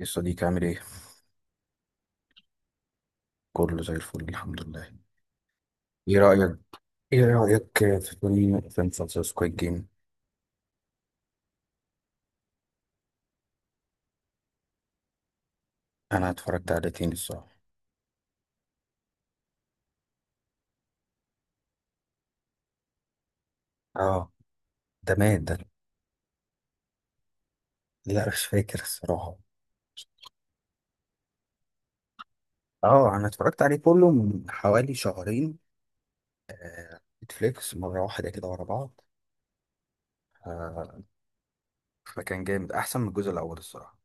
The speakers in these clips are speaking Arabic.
يا صديقي عامل ايه؟ كله زي الفل الحمد لله. ايه رأيك ايه رأيك في فيلم فيلم مسلسل سكويد جيم؟ انا اتفرجت عليه تاني الصراحة. اه، ده مات ده. لا مش فاكر الصراحة. اه، انا اتفرجت عليه كله من حوالي شهرين. نتفليكس مرة واحدة كده ورا بعض. آه، فكان جامد احسن من الجزء الاول الصراحة.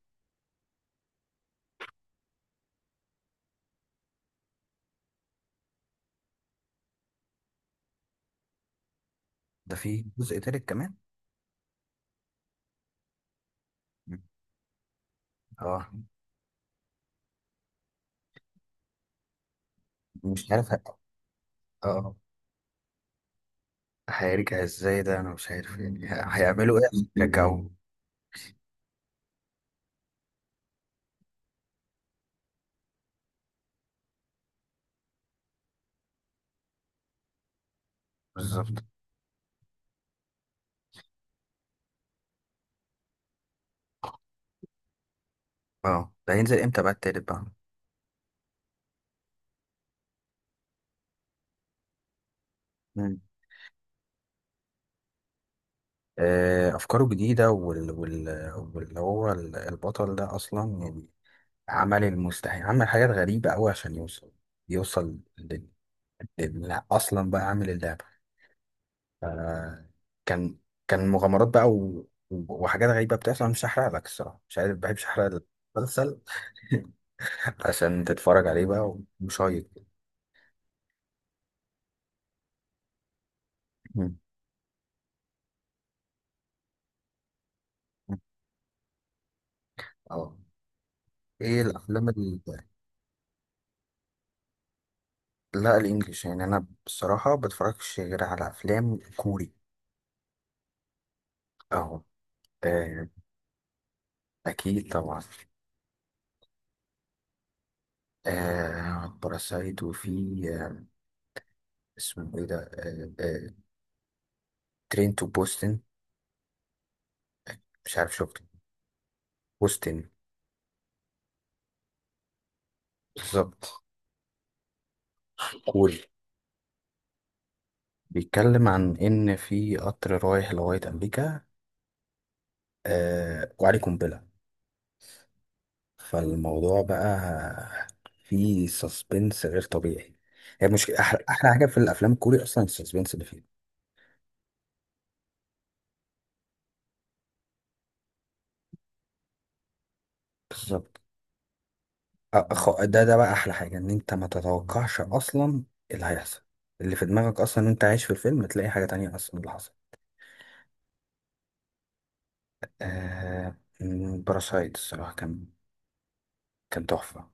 ده فيه جزء تالت كمان؟ اه. مش عارف ه- اه، هيرجع ازاي ده انا مش عارف يعني. هيعملوا ايه عشان يرجعوه؟ بالظبط. اه، ده هينزل امتى بقى التالت بقى؟ مم. افكاره جديده واللي هو البطل ده اصلا يعني عمل المستحيل، عمل حاجات غريبه قوي عشان يوصل، يوصل اصلا بقى عامل اللعبه. ف- كان، كان مغامرات بقى وحاجات غريبه بتحصل. مش هحرق لك الصراحه، مش عارف بحبش احرق المسلسل. عشان تتفرج عليه بقى وشايط. مم. اه. ايه الافلام؟ لا الانجليش، يعني انا بصراحه بتفرجش غير على افلام كوري. اهو. آه، اكيد طبعا. باراسايت وفي، آه اسمه ايه ده، ترين تو بوستن، مش عارف شفته؟ بوستن. بالظبط. كوري. بيتكلم عن ان في قطر رايح لغايه امريكا، وعليه قنبله. فالموضوع بقى فيه سسبنس غير طبيعي. هي مش احلى احلى حاجه في الافلام الكوري اصلا السسبنس اللي فيها؟ بالظبط. ده، ده بقى احلى حاجه، ان انت ما تتوقعش اصلا اللي هيحصل، اللي في دماغك اصلا، وانت عايش في الفيلم تلاقي حاجه تانية اصلا اللي حصل. آه باراسايت الصراحه كان، كان تحفه.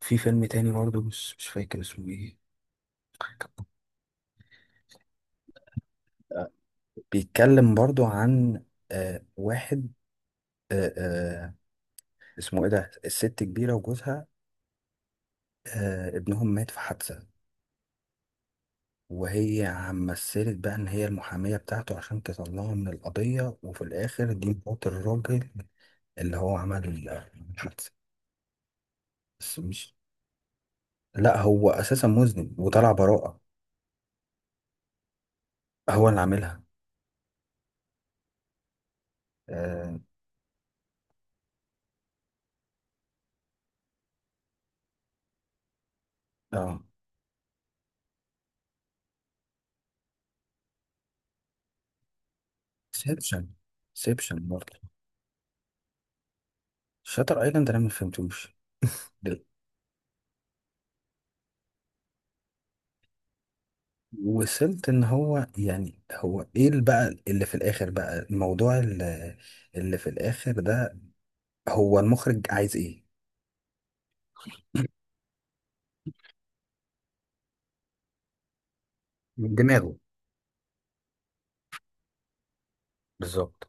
في فيلم تاني برضو مش فاكر اسمه ايه. آه، بيتكلم برضو عن، واحد، آه آه اسمه ايه ده، الست كبيره وجوزها، ابنهم مات في حادثه، وهي عم مثلت بقى ان هي المحامية بتاعته عشان تطلعه من القضية. وفي الاخر دي مرات الراجل اللي هو عمل الحادثة. بس مش، لا هو اساسا مذنب وطلع براءة. هو اللي عاملها. اه. اه، سيبشن، سيبشن برضه. شاتر ايلاند انا ما فهمتوش. ده- وصلت ان هو يعني، هو ايه اللي بقى، اللي في الاخر بقى الموضوع، اللي اللي في الاخر ده هو المخرج عايز ايه. من دماغه. بالظبط.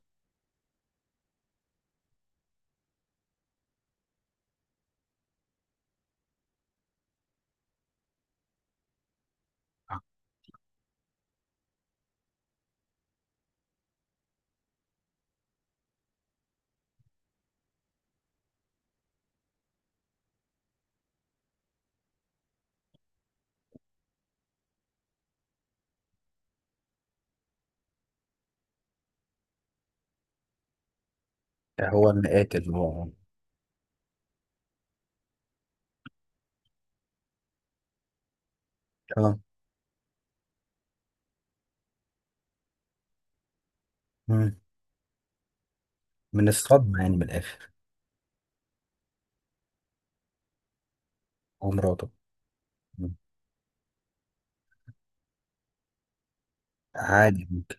هو المقاتل هو. اه. مم. من الصدمة، يعني من الآخر. هو مراته. مم. عادي ممكن.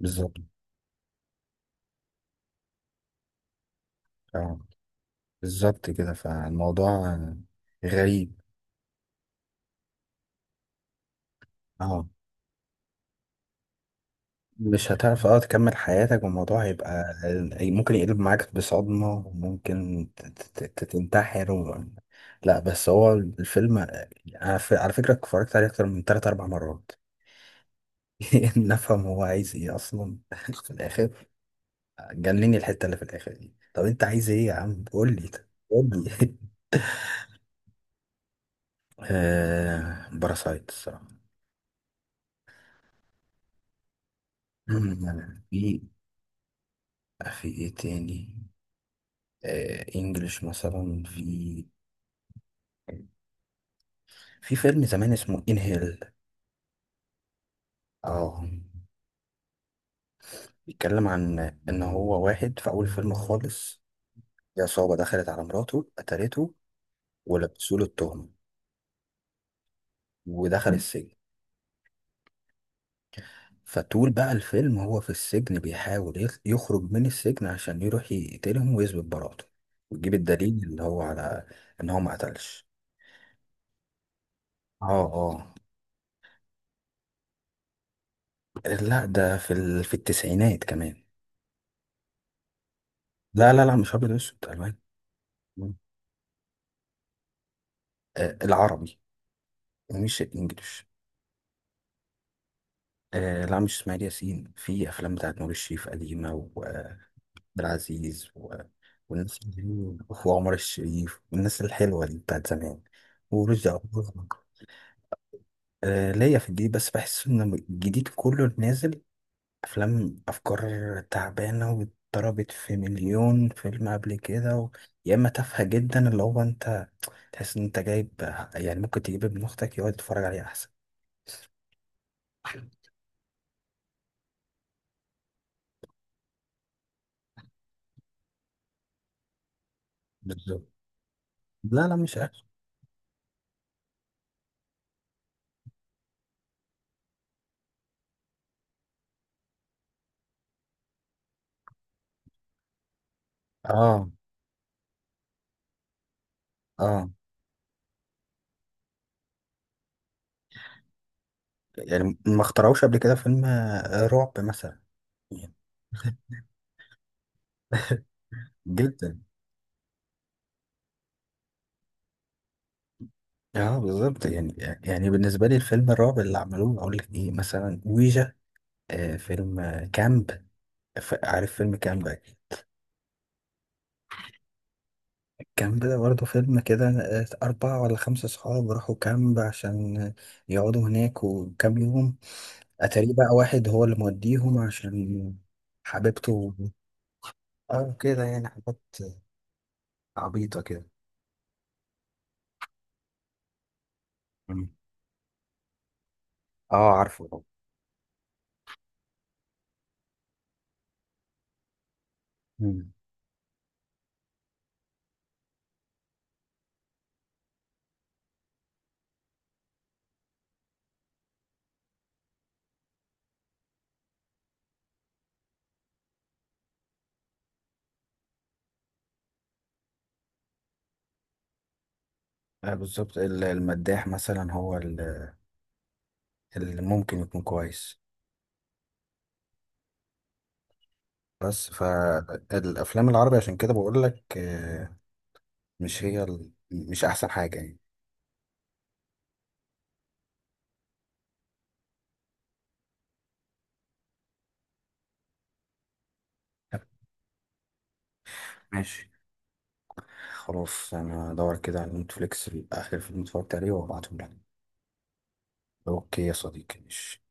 بالظبط. اه بالظبط كده. فالموضوع غريب. اه، مش هتعرف اه تكمل حياتك، والموضوع هيبقى ممكن يقلب معاك بصدمة، وممكن تنتحر لا بس هو الفيلم على على فكرة اتفرجت عليه أكتر من تلات أربع مرات. نفهم هو عايز ايه أصلا؟ في الآخر جنني الحتة اللي في الآخر دي. طب أنت عايز إيه يا عم؟ قول لي. قول لي. باراسايت الصراحة. يعني في، في إيه تاني، إنجلش مثلا، في في فيلم زمان اسمه إنهيل. اه. بيتكلم عن إن هو واحد في أول فيلم خالص في عصابة دخلت على مراته قتلته ولبسوا له التهمة ودخل السجن. فطول بقى الفيلم هو في السجن بيحاول يخرج من السجن عشان يروح يقتلهم ويثبت براءته، ويجيب الدليل اللي هو على ان هو ما قتلش. اه. اه. لا ده في في التسعينات كمان. لا لا لا، مش ابيض واسود، الوان. مم. آه، العربي ومش الانجليش. آه لا، مش اسماعيل ياسين. في افلام بتاعت نور الشريف قديمه، وعبد العزيز والناس وعمر الشريف والناس الحلوه دي بتاعت زمان، ورشدي اباظة. ليا في الجديد، بس بحس ان الجديد كله نازل افلام افكار تعبانه واتضربت في مليون فيلم قبل كده يا اما تافهه جدا، اللي هو انت تحس ان انت جايب، يعني ممكن تجيب ابن اختك يقعد يتفرج عليه احسن. بالظبط. لا لا، مش اكشن. اه. اه، يعني ما اخترعوش قبل كده فيلم رعب مثلا يعني. جدا. اه بالظبط يعني، يعني بالنسبه لي الفيلم الرعب اللي عملوه اقول لك ايه مثلا، ويجا، فيلم كامب. عارف فيلم كامب أكيد؟ كامب ده برضه فيلم كده، أربعة ولا خمسة صحاب راحوا كامب عشان يقعدوا هناك وكام يوم. أتاري بقى واحد هو اللي موديهم عشان حبيبته. اه كده، يعني حاجات عبيطة كده. مم. اه عارفه. مم. بالظبط، المداح مثلا هو اللي ممكن يكون كويس. بس فالافلام العربي عشان كده بقول لك، مش هي مش احسن حاجه يعني. ماشي. خلاص انا هدور كده على نتفليكس اخر فيلم اتفرجت عليه وابعته لك. اوكي يا صديقي، ماشي.